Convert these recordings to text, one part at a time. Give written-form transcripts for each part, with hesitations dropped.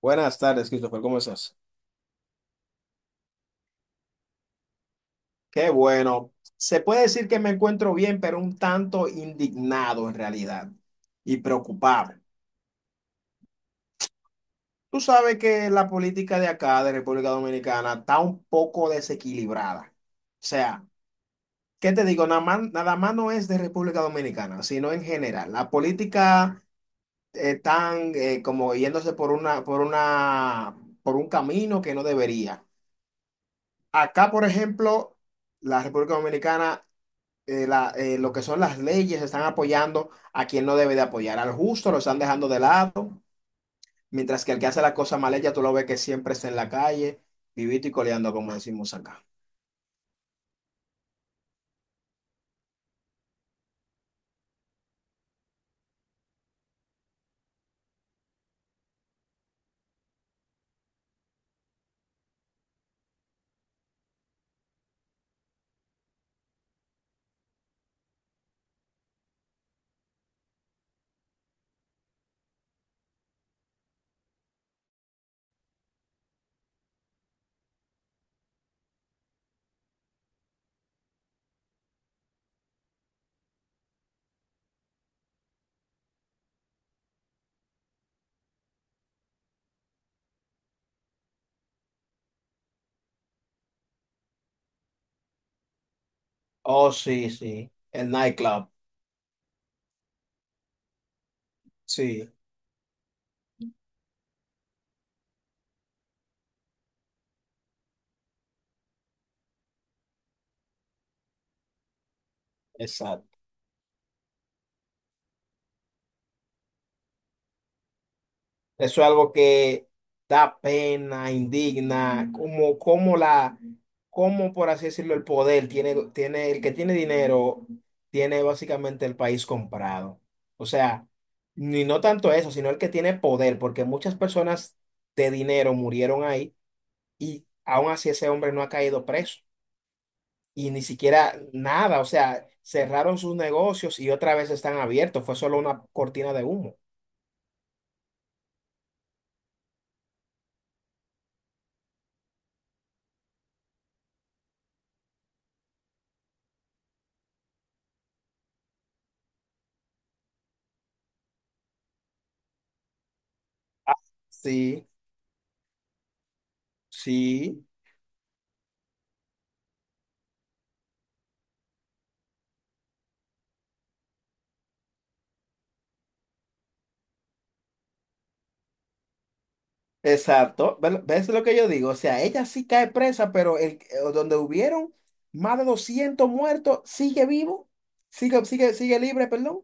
Buenas tardes, Christopher, ¿cómo estás? Qué bueno. Se puede decir que me encuentro bien, pero un tanto indignado en realidad y preocupado. Tú sabes que la política de acá, de República Dominicana, está un poco desequilibrada. O sea, ¿qué te digo? Nada más no es de República Dominicana, sino en general. La política están como yéndose por un camino que no debería. Acá, por ejemplo, la República Dominicana lo que son las leyes están apoyando a quien no debe de apoyar. Al justo lo están dejando de lado, mientras que el que hace la cosa mal ya tú lo ves que siempre está en la calle, vivito y coleando, como decimos acá. Oh, sí, sí, el nightclub. Sí, exacto. Eso es algo que da pena, indigna, como la, como por así decirlo, el poder el que tiene dinero tiene básicamente el país comprado. O sea, ni no tanto eso, sino el que tiene poder, porque muchas personas de dinero murieron ahí y aún así ese hombre no ha caído preso y ni siquiera nada. O sea, cerraron sus negocios y otra vez están abiertos. Fue solo una cortina de humo. Sí, sí. Exacto. ¿Ves lo que yo digo? O sea, ella sí cae presa, pero el, donde hubieron más de 200 muertos, sigue vivo, sigue libre, perdón,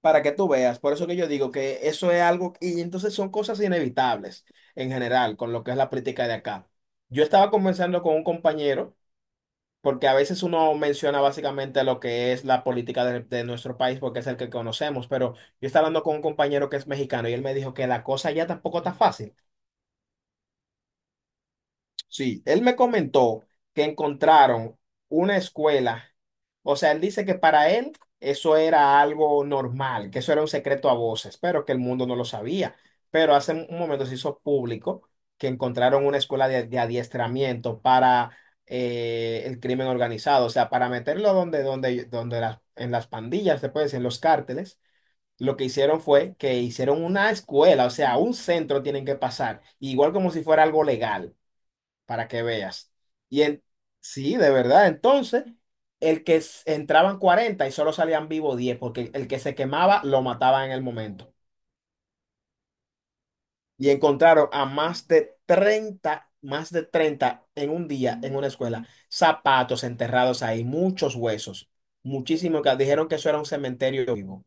para que tú veas. Por eso que yo digo que eso es algo, y entonces son cosas inevitables en general con lo que es la política de acá. Yo estaba conversando con un compañero, porque a veces uno menciona básicamente lo que es la política de nuestro país, porque es el que conocemos, pero yo estaba hablando con un compañero que es mexicano y él me dijo que la cosa ya tampoco está fácil. Sí, él me comentó que encontraron una escuela. O sea, él dice que para él eso era algo normal, que eso era un secreto a voces, pero que el mundo no lo sabía. Pero hace un momento se hizo público que encontraron una escuela de adiestramiento para el crimen organizado. O sea, para meterlo en las pandillas, se puede decir, en los cárteles. Lo que hicieron fue que hicieron una escuela, o sea, un centro tienen que pasar, igual como si fuera algo legal, para que veas. Y en, sí, de verdad, entonces, entraban 40 y solo salían vivo 10, porque el que se quemaba lo mataban en el momento. Y encontraron a más de 30 en un día en una escuela, zapatos enterrados ahí, muchos huesos, muchísimo, que dijeron que eso era un cementerio vivo.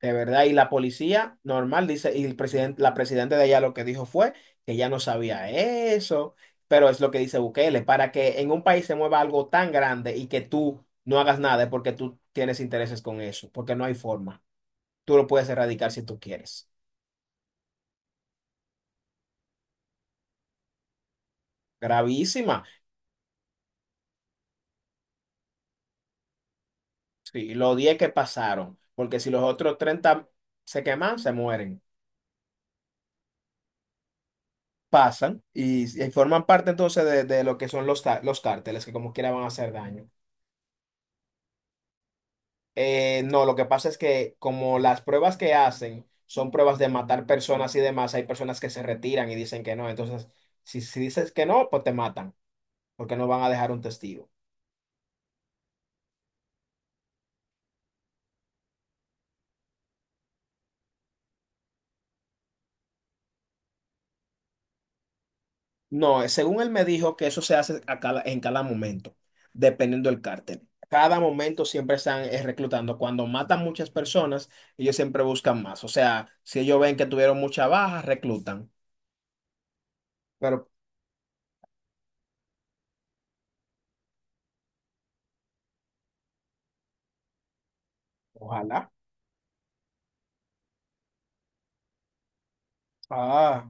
De verdad, y la policía normal dice, y el presidente, la presidenta de allá, lo que dijo fue que ya no sabía eso, pero es lo que dice Bukele: para que en un país se mueva algo tan grande y que tú no hagas nada es porque tú tienes intereses con eso, porque no hay forma. Tú lo puedes erradicar si tú quieres. Gravísima. Sí, los 10 que pasaron, porque si los otros 30 se queman, se mueren. Pasan y forman parte entonces de lo que son los, los cárteles, que como quiera van a hacer daño. No, lo que pasa es que como las pruebas que hacen son pruebas de matar personas y demás, hay personas que se retiran y dicen que no. Entonces, si dices que no, pues te matan, porque no van a dejar un testigo. No, según él me dijo que eso se hace en cada momento, dependiendo del cártel. Cada momento siempre están reclutando. Cuando matan muchas personas, ellos siempre buscan más. O sea, si ellos ven que tuvieron mucha baja, reclutan. Pero ojalá. Ah.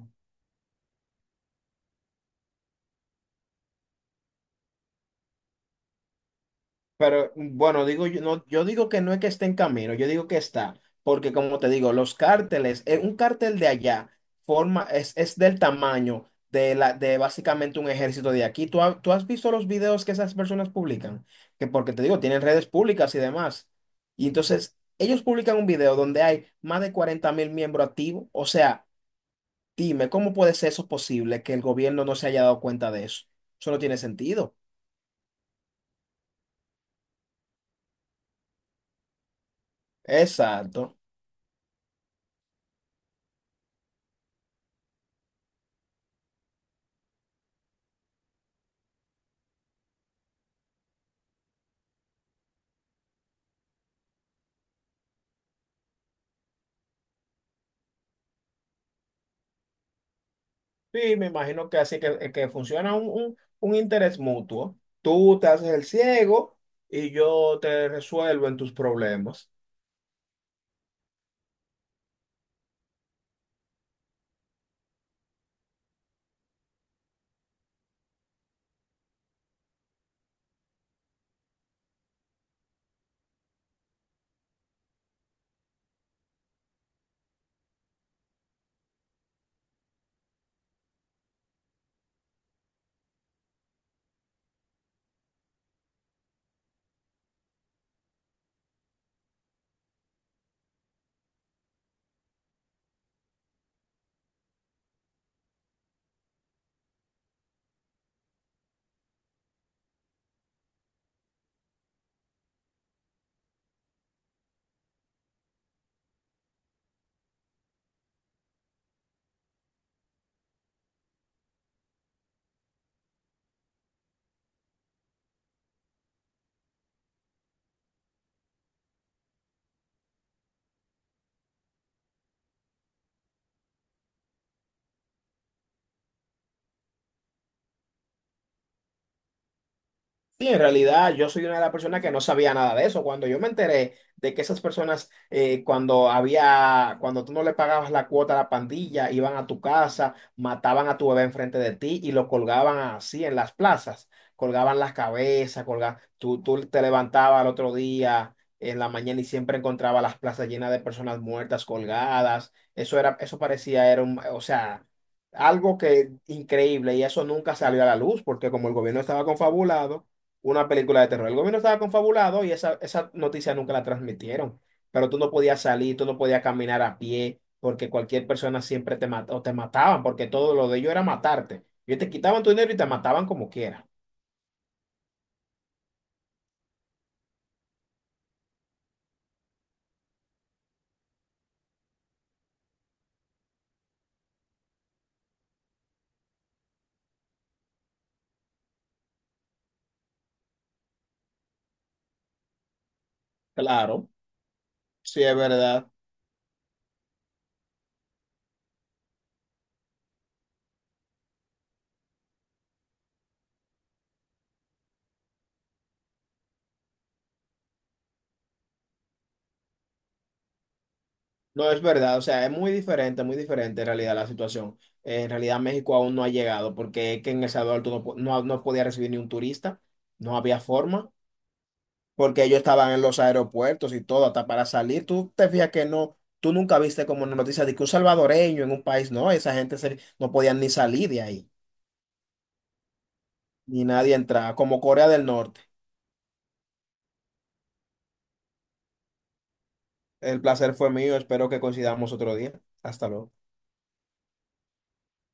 Pero bueno, digo yo, no, yo digo que no es que esté en camino, yo digo que está, porque como te digo, los cárteles, un cártel de allá forma, es del tamaño de la, de básicamente un ejército de aquí. ¿Tú, tú has visto los videos que esas personas publican? Que porque te digo, tienen redes públicas y demás. Y entonces, ellos publican un video donde hay más de 40.000 miembros activos. O sea, dime, ¿cómo puede ser eso posible que el gobierno no se haya dado cuenta de eso? Eso no tiene sentido. Exacto. Sí, me imagino que así, que funciona un, un interés mutuo. Tú te haces el ciego y yo te resuelvo en tus problemas. Sí, en realidad yo soy una de las personas que no sabía nada de eso. Cuando yo me enteré de que esas personas, cuando había, cuando tú no le pagabas la cuota a la pandilla, iban a tu casa, mataban a tu bebé enfrente de ti y lo colgaban así en las plazas, colgaban las cabezas, colgaban, tú te levantabas al otro día en la mañana y siempre encontraba las plazas llenas de personas muertas, colgadas. Eso era, eso parecía, era un, o sea, algo que increíble, y eso nunca salió a la luz porque como el gobierno estaba confabulado una película de terror. El gobierno estaba confabulado y esa noticia nunca la transmitieron, pero tú no podías salir, tú no podías caminar a pie, porque cualquier persona siempre te mataba o te mataban, porque todo lo de ellos era matarte. Ellos te quitaban tu dinero y te mataban como quiera. Claro, sí es verdad. No es verdad, o sea, es muy diferente en realidad la situación. En realidad México aún no ha llegado, porque es que en El Salvador tú no, no podías recibir ni un turista, no había forma. Porque ellos estaban en los aeropuertos y todo, hasta para salir. Tú te fijas que no, tú nunca viste como una noticia de que un salvadoreño en un país, no, esa gente no podían ni salir de ahí, ni nadie entraba, como Corea del Norte. El placer fue mío, espero que coincidamos otro día. Hasta luego.